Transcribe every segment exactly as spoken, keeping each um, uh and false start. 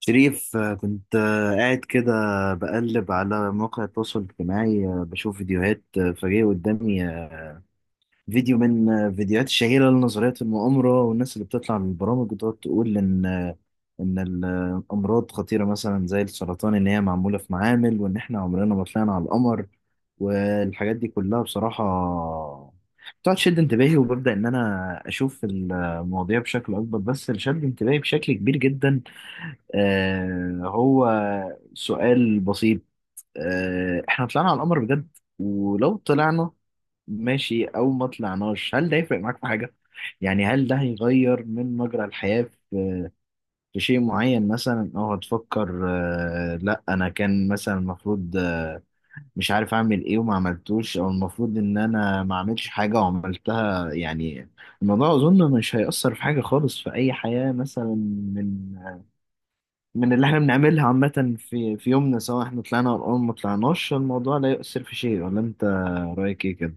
شريف، آه، كنت آه، قاعد كده بقلب على مواقع التواصل الاجتماعي، آه، بشوف فيديوهات، آه، فجأة قدامي فيديو من الفيديوهات الشهيرة لنظرية المؤامرة والناس اللي بتطلع من البرامج وتقعد تقول إن إن الأمراض خطيرة مثلا زي السرطان، إن هي معمولة في معامل وإن إحنا عمرنا ما طلعنا على القمر والحاجات دي كلها. بصراحة بتقعد تشد انتباهي وببدأ إن أنا أشوف المواضيع بشكل أكبر. بس اللي شد انتباهي بشكل كبير جدا آه هو سؤال بسيط: آه إحنا طلعنا على القمر بجد؟ ولو طلعنا ماشي او ما طلعناش، هل ده يفرق معاك في حاجه؟ يعني هل ده هيغير من مجرى الحياه في في شيء معين مثلا، او هتفكر آه، لا انا كان مثلا المفروض آه، مش عارف اعمل ايه وما عملتوش، او المفروض ان انا ما اعملش حاجه وعملتها؟ يعني الموضوع اظن مش هيأثر في حاجه خالص في اي حياه مثلا من من اللي احنا بنعملها عامه في في يومنا، سواء احنا طلعنا او ما طلعناش الموضوع لا يؤثر في شيء. ولا انت رايك ايه كده؟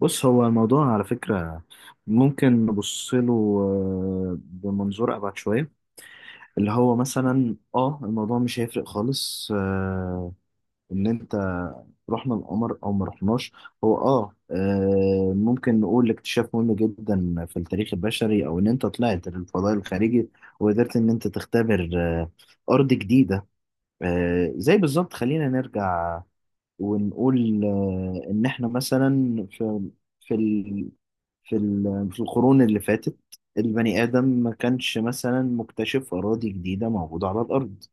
بص، هو الموضوع على فكرة ممكن نبص له آه، بمنظور أبعد شوية، اللي هو مثلا اه الموضوع مش هيفرق خالص، آه، إن أنت رحنا القمر أو ما رحناش. هو اه، آه، ممكن نقول اكتشاف مهم جدا في التاريخ البشري، أو إن أنت طلعت للفضاء الخارجي وقدرت إن أنت تختبر آه، أرض جديدة، آه، زي بالظبط. خلينا نرجع ونقول آه، إن إحنا مثلا في في في ال- في القرون اللي فاتت البني آدم ما كانش مثلا مكتشف أراضي جديدة موجودة على الأرض،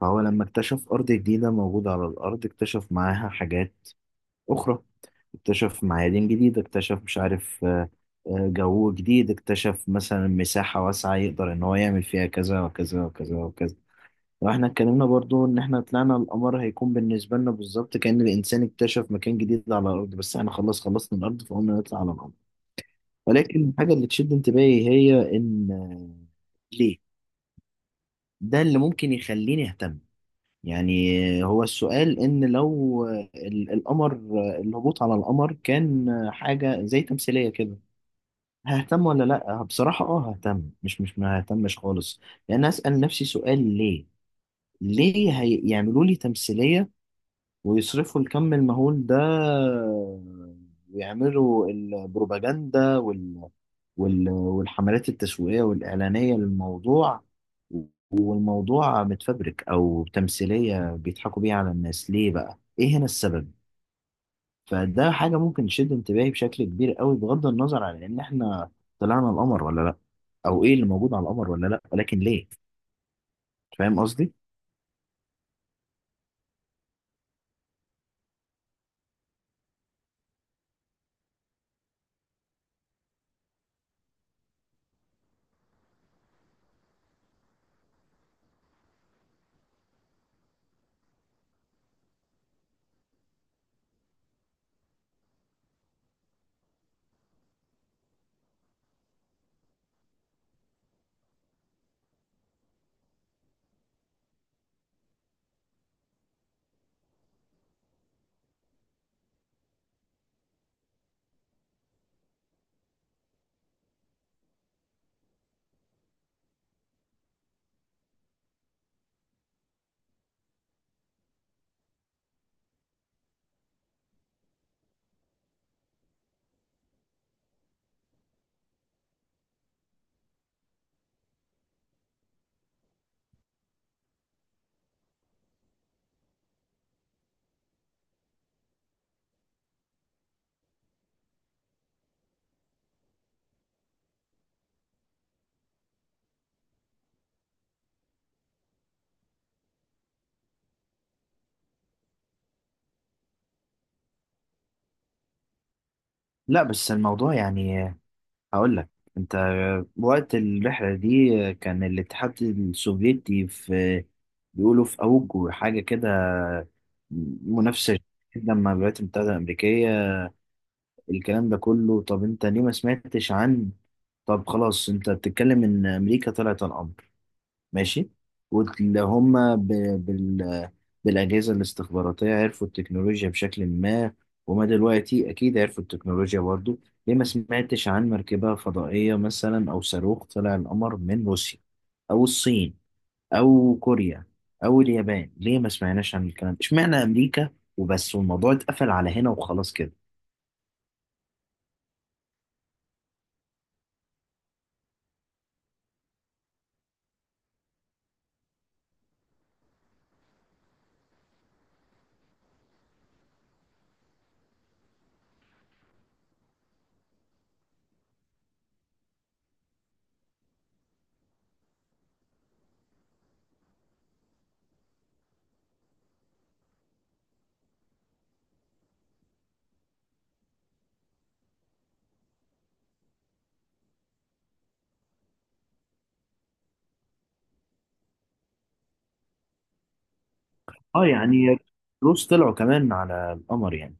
فهو لما اكتشف أرض جديدة موجودة على الأرض اكتشف معاها حاجات أخرى، اكتشف معادن جديدة، اكتشف مش عارف آه، آه، جو جديد، اكتشف مثلا مساحة واسعة يقدر إن هو يعمل فيها كذا وكذا وكذا وكذا. واحنا اتكلمنا برضو ان احنا طلعنا القمر هيكون بالنسبة لنا بالظبط كأن الانسان اكتشف مكان جديد على الارض، بس احنا خلاص خلصنا الارض فقلنا نطلع على القمر. ولكن الحاجة اللي تشد انتباهي هي إن آه، ليه؟ ده اللي ممكن يخليني أهتم. يعني آه، هو السؤال إن لو آه، ال- القمر آه، الهبوط على القمر كان آه، حاجة زي تمثيلية كده، ههتم ولا لأ؟ بصراحة أه ههتم. مش مش ما ههتمش خالص، لأن أسأل نفسي سؤال: ليه؟ ليه هيعملوا لي تمثيلية ويصرفوا الكم المهول ده ويعملوا البروباجندا وال... وال... والحملات التسويقية والإعلانية للموضوع، والموضوع متفبرك أو تمثيلية بيضحكوا بيها على الناس؟ ليه بقى؟ إيه هنا السبب؟ فده حاجة ممكن تشد انتباهي بشكل كبير قوي، بغض النظر عن إن إحنا طلعنا القمر ولا لأ، أو إيه اللي موجود على القمر ولا لأ، ولكن ليه؟ فاهم قصدي؟ لا بس الموضوع يعني هقول لك، انت وقت الرحلة دي كان الاتحاد السوفيتي في، بيقولوا في اوج حاجة كده منافسة جدا مع الولايات المتحدة الأمريكية. الكلام ده كله، طب انت ليه ما سمعتش عن، طب خلاص انت بتتكلم ان امريكا طلعت على القمر ماشي، واللي هم ب... بال... بالأجهزة الاستخباراتية عرفوا التكنولوجيا بشكل ما، وما دلوقتي أكيد عرفوا التكنولوجيا برضو، ليه ما سمعتش عن مركبة فضائية مثلا أو صاروخ طلع القمر من روسيا أو الصين أو كوريا أو اليابان؟ ليه ما سمعناش عن الكلام ده؟ اشمعنى أمريكا وبس والموضوع اتقفل على هنا وخلاص كده؟ اه يعني الروس طلعوا كمان على القمر يعني.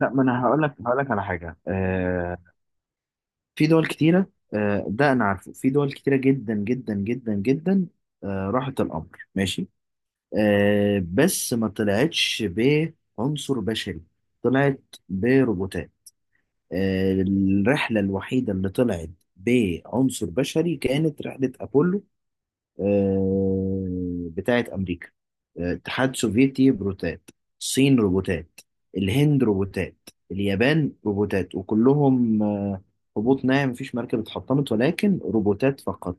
لا، ما انا هقول لك هقول لك على حاجه، آه، في دول كتيرة، آه، ده أنا عارفه، في دول كتيرة جدا جدا جدا جدا، آه، راحت الأمر ماشي، آه، بس ما طلعتش بعنصر بشري، طلعت بروبوتات. آه، الرحلة الوحيدة اللي طلعت بعنصر بشري كانت رحلة أبولو، آه، بتاعة أمريكا. آه، اتحاد سوفيتي روبوتات، الصين روبوتات، الهند روبوتات، اليابان روبوتات، وكلهم آه، هبوط ناعم، مفيش مركبة اتحطمت، ولكن روبوتات فقط.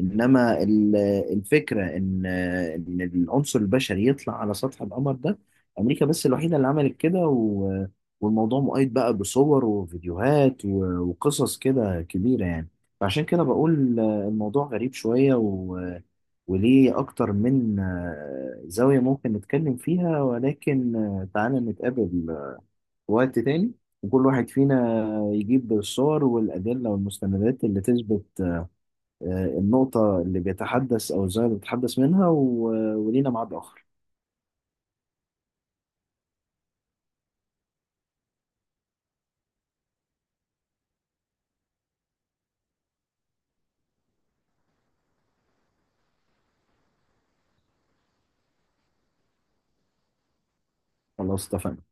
إنما ال- الفكرة إن آه، إن العنصر البشري يطلع على سطح القمر ده، أمريكا بس الوحيدة اللي عملت كده، و- والموضوع مؤيد بقى بصور وفيديوهات و- وقصص كده كبيرة يعني. فعشان كده بقول آه، الموضوع غريب شوية، و وليه أكتر من آه، زاوية ممكن نتكلم فيها، ولكن آه، تعالى نتقابل في وقت تاني، وكل واحد فينا يجيب الصور والأدلة والمستندات اللي تثبت آه، النقطة اللي بيتحدث أو الزاوية اللي بيتحدث منها، و- ولينا ميعاد آخر. خلاص اتفقنا.